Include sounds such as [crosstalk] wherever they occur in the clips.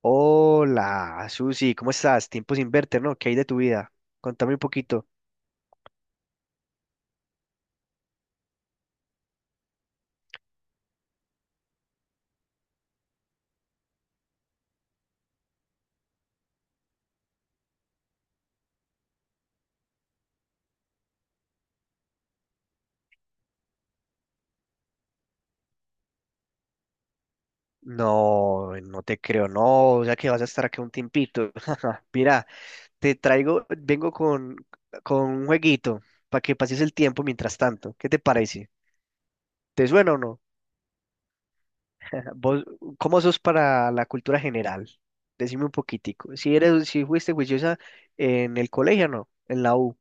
Hola, Susi, ¿cómo estás? Tiempo sin verte, ¿no? ¿Qué hay de tu vida? Contame un poquito. No, no te creo, no, o sea que vas a estar aquí un tiempito. [laughs] Mira, te traigo, vengo con un jueguito para que pases el tiempo mientras tanto. ¿Qué te parece? ¿Te suena o no? [laughs] ¿Vos cómo sos para la cultura general? Decime un poquitico. Si eres, si fuiste juiciosa en el colegio, o ¿no? En la U.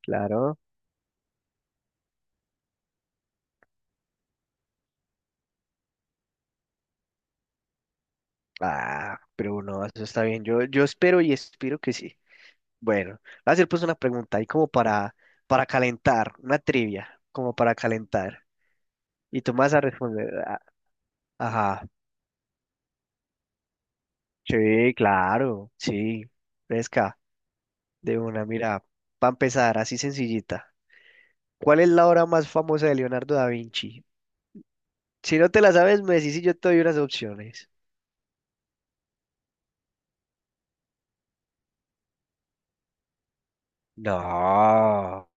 Claro. Ah, pero no, eso está bien. Yo espero y espero que sí. Bueno, voy a hacer pues una pregunta ahí como para calentar, una trivia, como para calentar. Y tú me vas a responder, a- ajá, sí, claro, sí, fresca, de una, mira, para empezar, así sencillita. ¿Cuál es la obra más famosa de Leonardo da Vinci? Si no te la sabes, me decís y yo te doy unas opciones. No,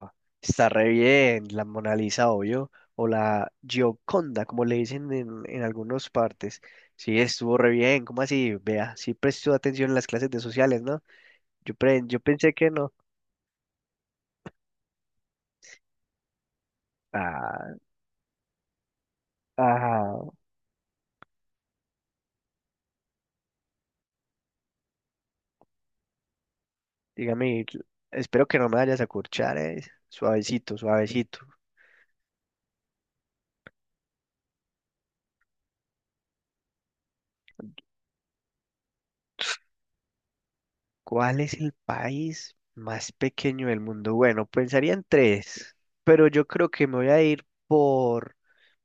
está re bien, la Mona Lisa, obvio, o la Gioconda, como le dicen en algunas partes. Sí, estuvo re bien, ¿cómo así? Vea, sí prestó atención en las clases de sociales, ¿no? Yo, pre- yo pensé que no. Ah, ah, dígame, espero que no me vayas a curchar, Suavecito, suavecito. ¿Cuál es el país más pequeño del mundo? Bueno, pensaría en tres, pero yo creo que me voy a ir por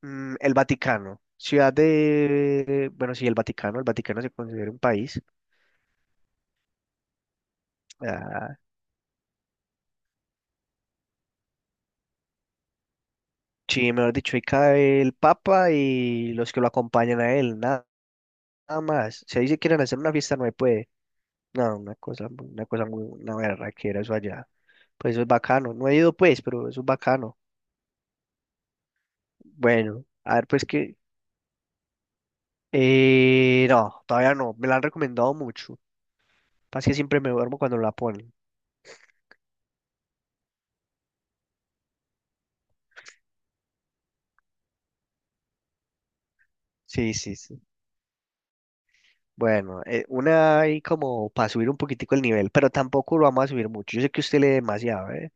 el Vaticano. Ciudad de, bueno, sí, el Vaticano se considera un país. Ah, sí, mejor dicho, ahí cae el Papa y los que lo acompañan a él, nada, nada más. Si ahí se quieren hacer una fiesta, no se puede. No, una cosa, muy- una cosa muy, una berraquera eso allá. Pues eso es bacano. No he ido pues, pero eso es bacano. Bueno, a ver pues qué. No, todavía no. Me la han recomendado mucho. Pasa que siempre me duermo cuando la ponen. Sí, sí, sí. Bueno, una ahí como para subir un poquitico el nivel, pero tampoco lo vamos a subir mucho. Yo sé que usted lee demasiado, ¿eh?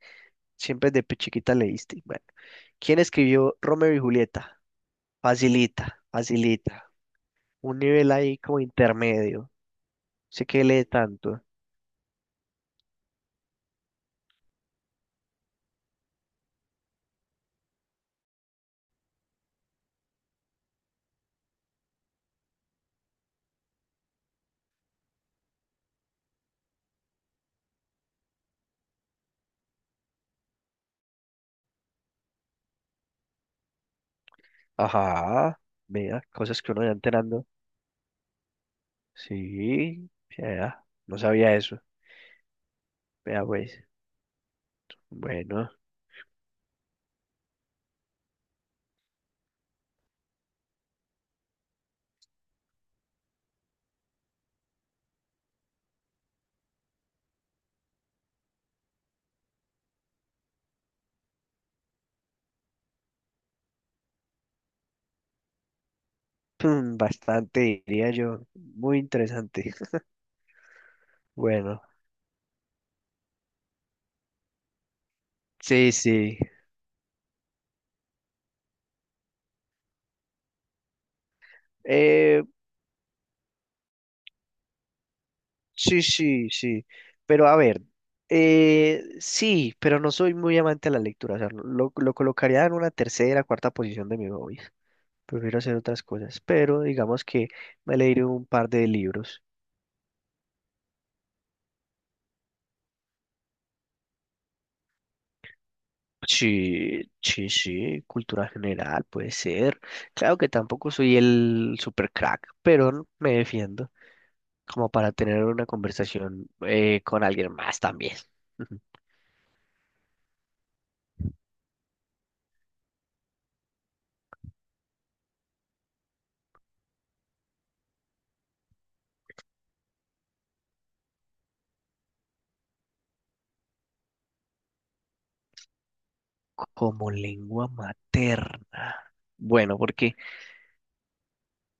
Siempre desde chiquita leíste. Bueno, ¿quién escribió Romeo y Julieta? Facilita, facilita. Un nivel ahí como intermedio. Sé que lee tanto. Ajá, vea, cosas que uno va enterando. Sí, vea, no sabía eso. Vea, pues, bueno. [laughs] Mm, bastante, diría yo. Muy interesante. Bueno, sí, sí. Eh, sí, sí, sí. Pero a ver, sí, pero no soy muy amante de la lectura. O sea, lo colocaría en una tercera, cuarta posición de mi hobbies. Prefiero hacer otras cosas. Pero digamos que me leeré un par de libros. Sí, sí, sí, cultura general puede ser. Claro que tampoco soy el super crack, pero me defiendo, como para tener una conversación con alguien más también. Ujú. Como lengua materna. Bueno, porque,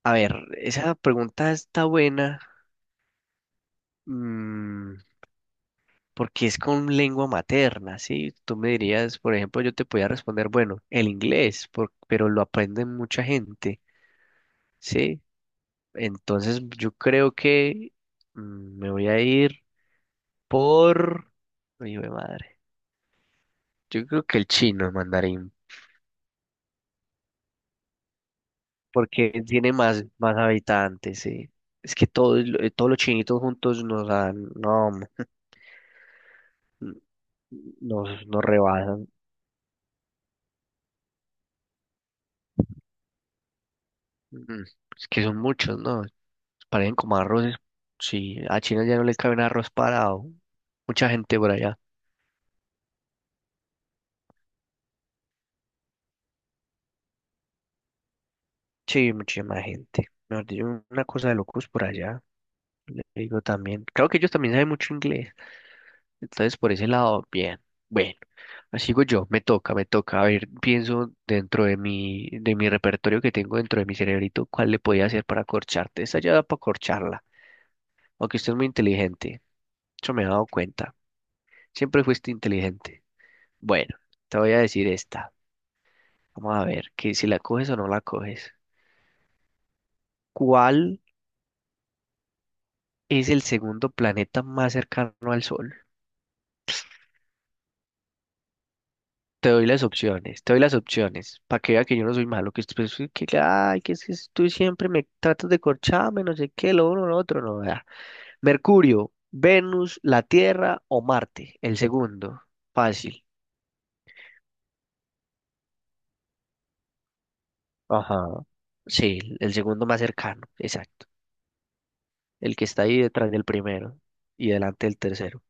a ver, esa pregunta está buena, mm, porque es con lengua materna, ¿sí? Tú me dirías, por ejemplo, yo te podía responder, bueno, el inglés, por- pero lo aprende mucha gente, ¿sí? Entonces yo creo que me voy a ir por... Hijo de madre. Yo creo que el chino, el mandarín, porque tiene más habitantes, sí. Es que todos, lo- todos los chinitos juntos nos dan, no, hombre. [laughs] Nos, nos rebasan. Mm, es que son muchos, ¿no? Parecen como arroces. Sí, a China ya no le cabe un arroz parado. Mucha gente por allá. Sí, muchísima gente. Mejor dicho, una cosa de locos por allá. Le digo también. Creo que ellos también saben mucho inglés. Entonces, por ese lado, bien. Bueno. Sigo yo, me toca, me toca. A ver, pienso dentro de mi repertorio que tengo dentro de mi cerebrito, cuál le podía hacer para corcharte. Esta ya da para corcharla, aunque usted es muy inteligente. Eso me he dado cuenta. Siempre fuiste inteligente. Bueno, te voy a decir esta. Vamos a ver, que si la coges o no la coges. ¿Cuál es el segundo planeta más cercano al Sol? Te doy las opciones, te doy las opciones, para que vea que yo no soy malo, que, usted- pues, que- ay, que es que tú siempre me tratas de corcharme, no sé qué, lo uno, lo otro, no, vea. Mercurio, Venus, la Tierra o Marte. El segundo, fácil. Ajá. Sí, el segundo más cercano, exacto. El que está ahí detrás del primero y delante del tercero.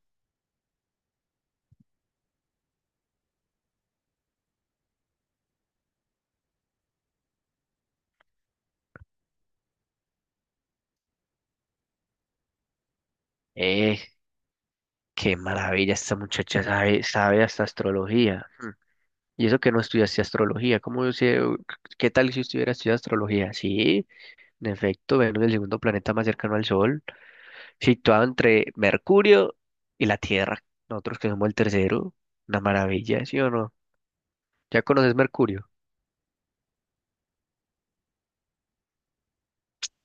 Eh, qué maravilla, esta muchacha sabe, sabe hasta astrología. Mm. Y eso que no estudiaste astrología, ¿cómo yo sé? ¿Qué tal si estuviera estudiando astrología? Sí, en efecto, Venus es el segundo planeta más cercano al Sol, situado entre Mercurio y la Tierra. Nosotros que somos el tercero, una maravilla, ¿sí o no? ¿Ya conoces Mercurio?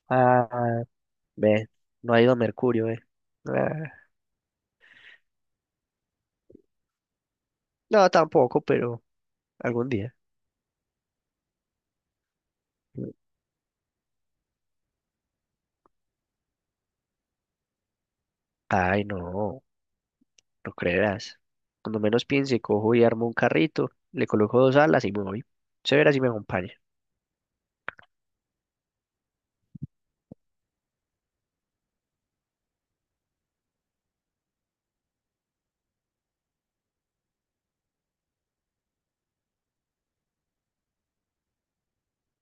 Ah, ve, no ha ido a Mercurio, Ah, no, tampoco, pero algún día. Ay, no, no creerás. Cuando menos piense, cojo y armo un carrito, le coloco dos alas y me voy. Se verá si me acompaña.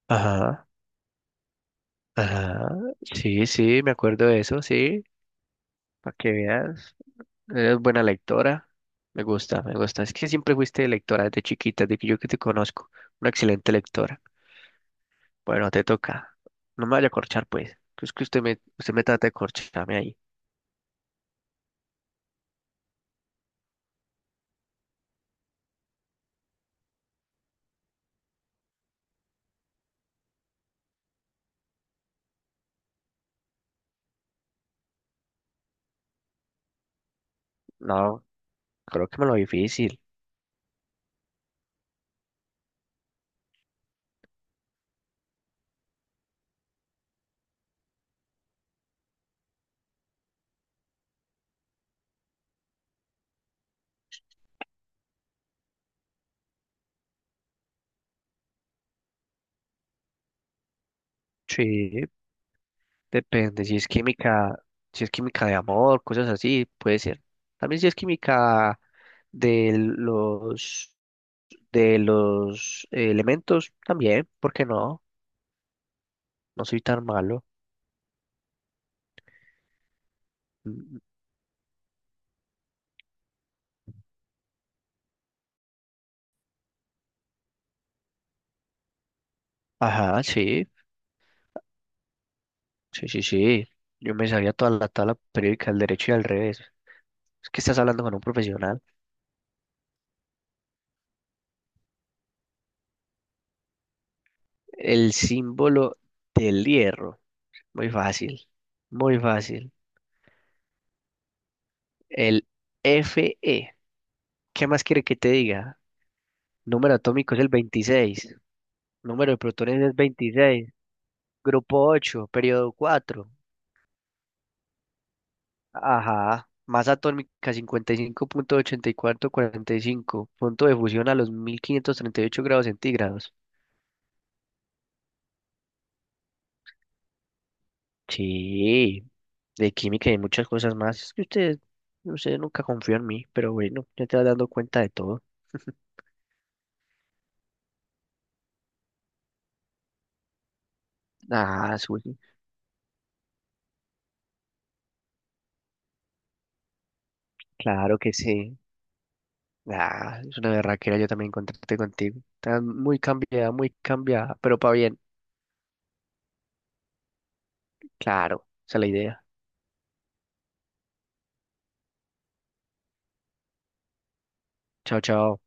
Ajá, ajá. Sí, sí, me acuerdo de eso, sí. Para que veas. Eres buena lectora. Me gusta, me gusta. Es que siempre fuiste lectora desde chiquita, desde que yo que te conozco. Una excelente lectora. Bueno, te toca. No me vaya a corchar, pues. Que Es que usted me trata de corcharme ahí. No, creo que me lo difícil. Sí, depende. Si es química, si es química de amor, cosas así, puede ser. También si es química de los de los elementos, también, ¿por qué no? No soy tan malo. Mm, Ajá, sí, sí, sí, sí. Yo me sabía toda la tabla periódica del derecho y al revés. Es que estás hablando con un profesional. El símbolo del hierro. Muy fácil, muy fácil. El Fe. ¿Qué más quiere que te diga? Número atómico es el 26. Número de protones es 26. Grupo 8, periodo 4. Ajá. Masa atómica 55.8445. Punto ochenta y cuatro cuarenta y cinco. Punto de fusión a los 1538 grados centígrados. Sí, de química y muchas cosas más. Es que usted, usted nunca confió en mí, pero bueno, ya te vas dando cuenta de todo. Ah, Zuli, claro que sí. Ah, es una berraquera yo también contraté contigo. Está muy cambiada, pero para bien. Claro, esa es la idea. Chao, chao.